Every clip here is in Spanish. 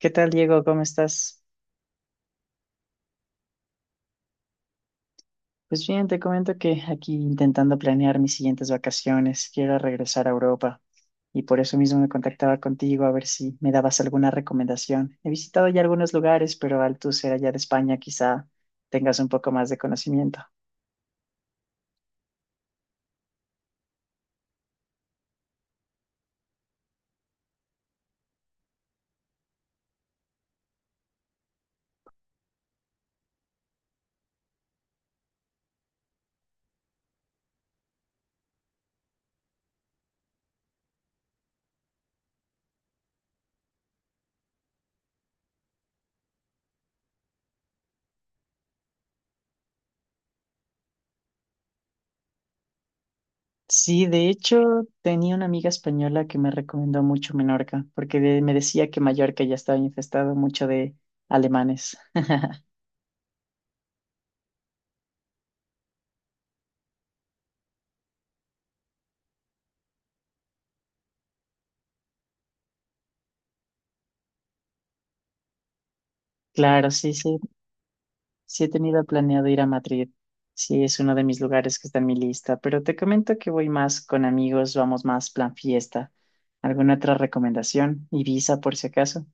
¿Qué tal, Diego? ¿Cómo estás? Pues bien, te comento que aquí intentando planear mis siguientes vacaciones, quiero regresar a Europa y por eso mismo me contactaba contigo a ver si me dabas alguna recomendación. He visitado ya algunos lugares, pero al tú ser allá de España quizá tengas un poco más de conocimiento. Sí, de hecho tenía una amiga española que me recomendó mucho Menorca, porque me decía que Mallorca ya estaba infestado mucho de alemanes. Claro, sí, sí, sí he tenido planeado ir a Madrid. Sí, es uno de mis lugares que está en mi lista, pero te comento que voy más con amigos, vamos más plan fiesta. ¿Alguna otra recomendación? Ibiza, por si acaso.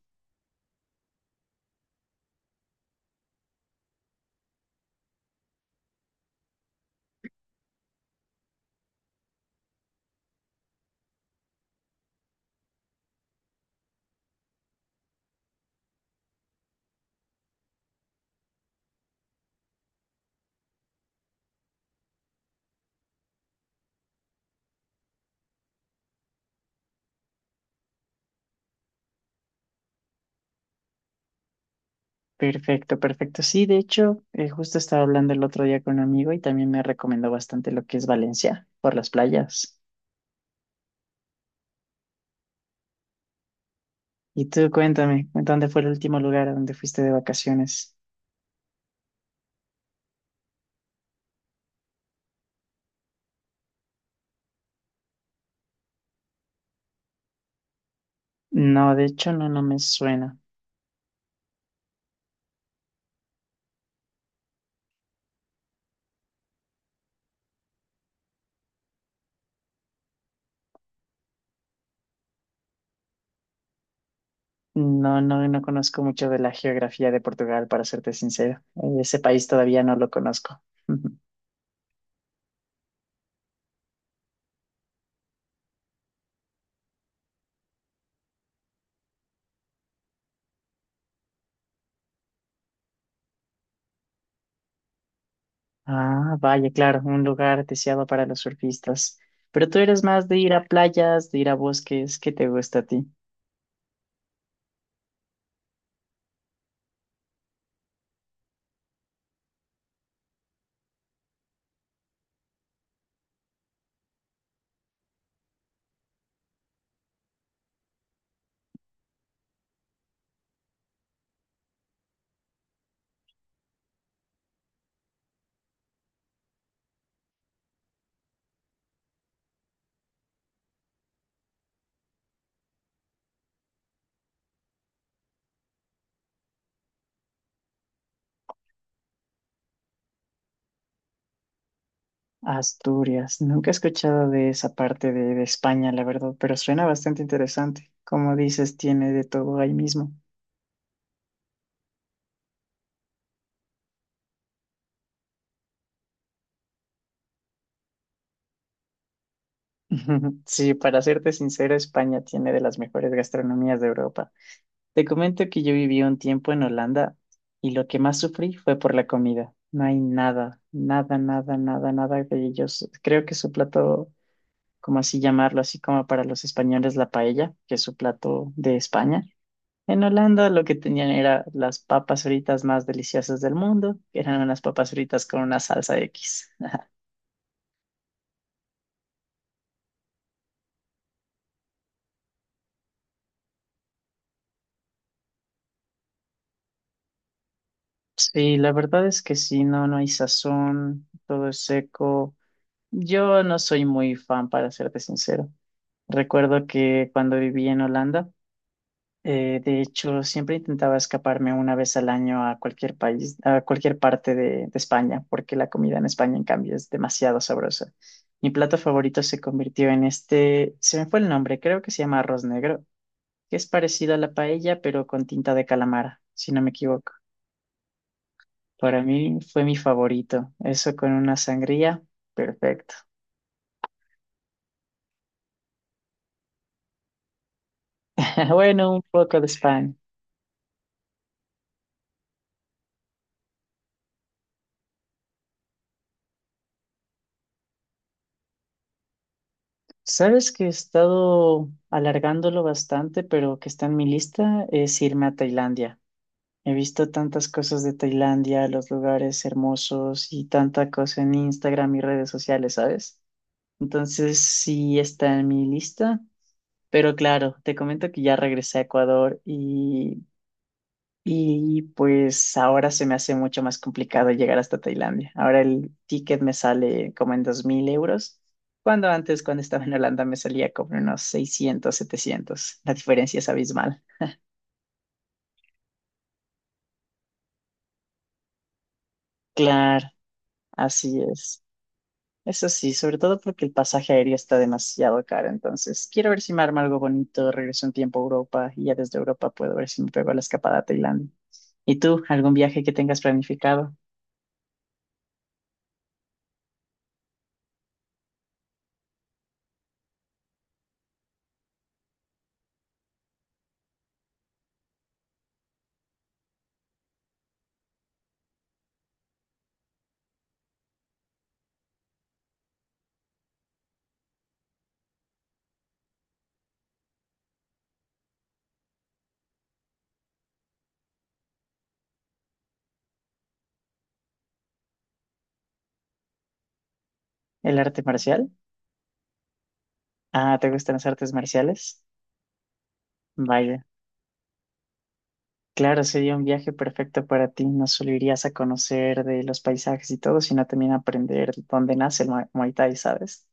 Perfecto, perfecto. Sí, de hecho, justo estaba hablando el otro día con un amigo y también me recomendó bastante lo que es Valencia, por las playas. Y tú, cuéntame, ¿dónde fue el último lugar a donde fuiste de vacaciones? No, de hecho, no, no me suena. No, no, no conozco mucho de la geografía de Portugal, para serte sincero. Ese país todavía no lo conozco. Ah, vaya, claro, un lugar deseado para los surfistas. Pero tú eres más de ir a playas, de ir a bosques. ¿Qué te gusta a ti? Asturias. Nunca he escuchado de esa parte de España, la verdad, pero suena bastante interesante. Como dices, tiene de todo ahí mismo. Sí, para serte sincero, España tiene de las mejores gastronomías de Europa. Te comento que yo viví un tiempo en Holanda y lo que más sufrí fue por la comida. No hay nada, nada, nada, nada, nada de ellos. Creo que su plato, como así llamarlo, así como para los españoles la paella, que es su plato de España. En Holanda lo que tenían era las papas fritas más deliciosas del mundo, que eran unas papas fritas con una salsa X. Sí, la verdad es que sí, no, no hay sazón, todo es seco. Yo no soy muy fan, para serte sincero. Recuerdo que cuando viví en Holanda, de hecho, siempre intentaba escaparme una vez al año a cualquier país, a cualquier parte de España, porque la comida en España, en cambio, es demasiado sabrosa. Mi plato favorito se convirtió en este, se me fue el nombre, creo que se llama arroz negro, que es parecido a la paella, pero con tinta de calamar, si no me equivoco. Para mí fue mi favorito. Eso con una sangría, perfecto. Bueno, un poco de España. Sabes que he estado alargándolo bastante, pero que está en mi lista es irme a Tailandia. He visto tantas cosas de Tailandia, los lugares hermosos y tanta cosa en Instagram y redes sociales, ¿sabes? Entonces sí está en mi lista, pero claro, te comento que ya regresé a Ecuador y pues ahora se me hace mucho más complicado llegar hasta Tailandia. Ahora el ticket me sale como en 2.000 euros, cuando antes, cuando estaba en Holanda, me salía como en unos 600-700. La diferencia es abismal. Claro, así es. Eso sí, sobre todo porque el pasaje aéreo está demasiado caro. Entonces, quiero ver si me arma algo bonito, regreso un tiempo a Europa y ya desde Europa puedo ver si me pego la escapada a Tailandia. ¿Y tú, algún viaje que tengas planificado? ¿El arte marcial? Ah, ¿te gustan las artes marciales? Vaya, claro, sería un viaje perfecto para ti. No solo irías a conocer de los paisajes y todo, sino también aprender dónde nace el Muay Thai, ¿sabes?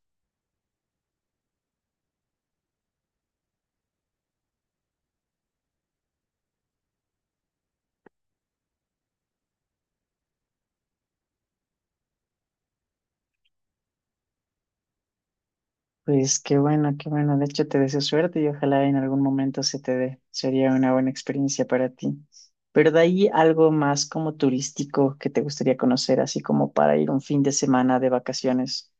Pues qué bueno, qué bueno. De hecho, te deseo suerte y ojalá en algún momento se te dé. Sería una buena experiencia para ti. Pero de ahí algo más como turístico que te gustaría conocer, así como para ir un fin de semana de vacaciones.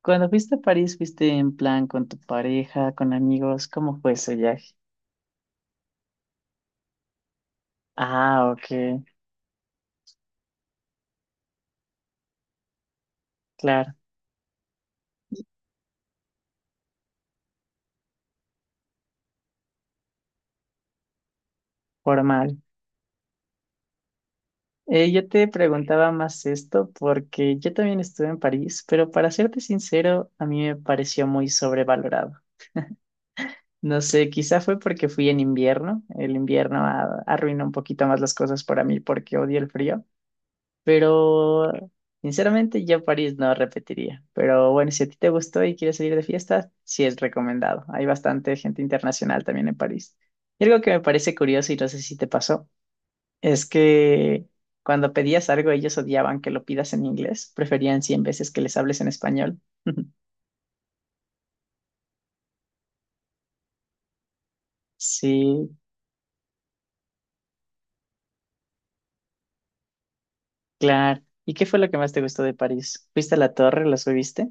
Cuando fuiste a París, ¿fuiste en plan con tu pareja, con amigos? ¿Cómo fue ese viaje? Ah, ok, claro, formal. Yo te preguntaba más esto porque yo también estuve en París, pero para serte sincero, a mí me pareció muy sobrevalorado. No sé, quizá fue porque fui en invierno. El invierno arruinó un poquito más las cosas para mí porque odio el frío, pero sinceramente yo París no repetiría. Pero bueno, si a ti te gustó y quieres salir de fiesta, sí es recomendado. Hay bastante gente internacional también en París. Y algo que me parece curioso y no sé si te pasó. Es que cuando pedías algo, ellos odiaban que lo pidas en inglés. Preferían 100 veces que les hables en español. Sí, claro. ¿Y qué fue lo que más te gustó de París? ¿Fuiste a la torre? ¿Lo subiste?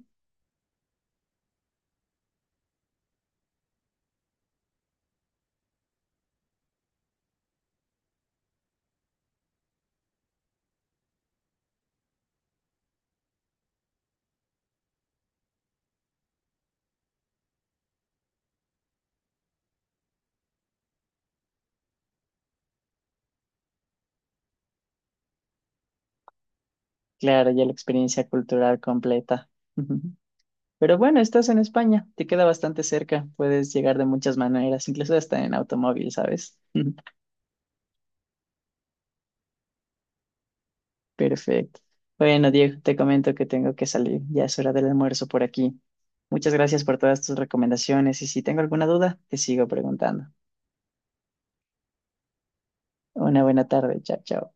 Claro, ya la experiencia cultural completa. Ujú. Pero bueno, estás en España, te queda bastante cerca, puedes llegar de muchas maneras, incluso hasta en automóvil, ¿sabes? Perfecto. Bueno, Diego, te comento que tengo que salir. Ya es hora del almuerzo por aquí. Muchas gracias por todas tus recomendaciones y si tengo alguna duda, te sigo preguntando. Una buena tarde. Chao, chao.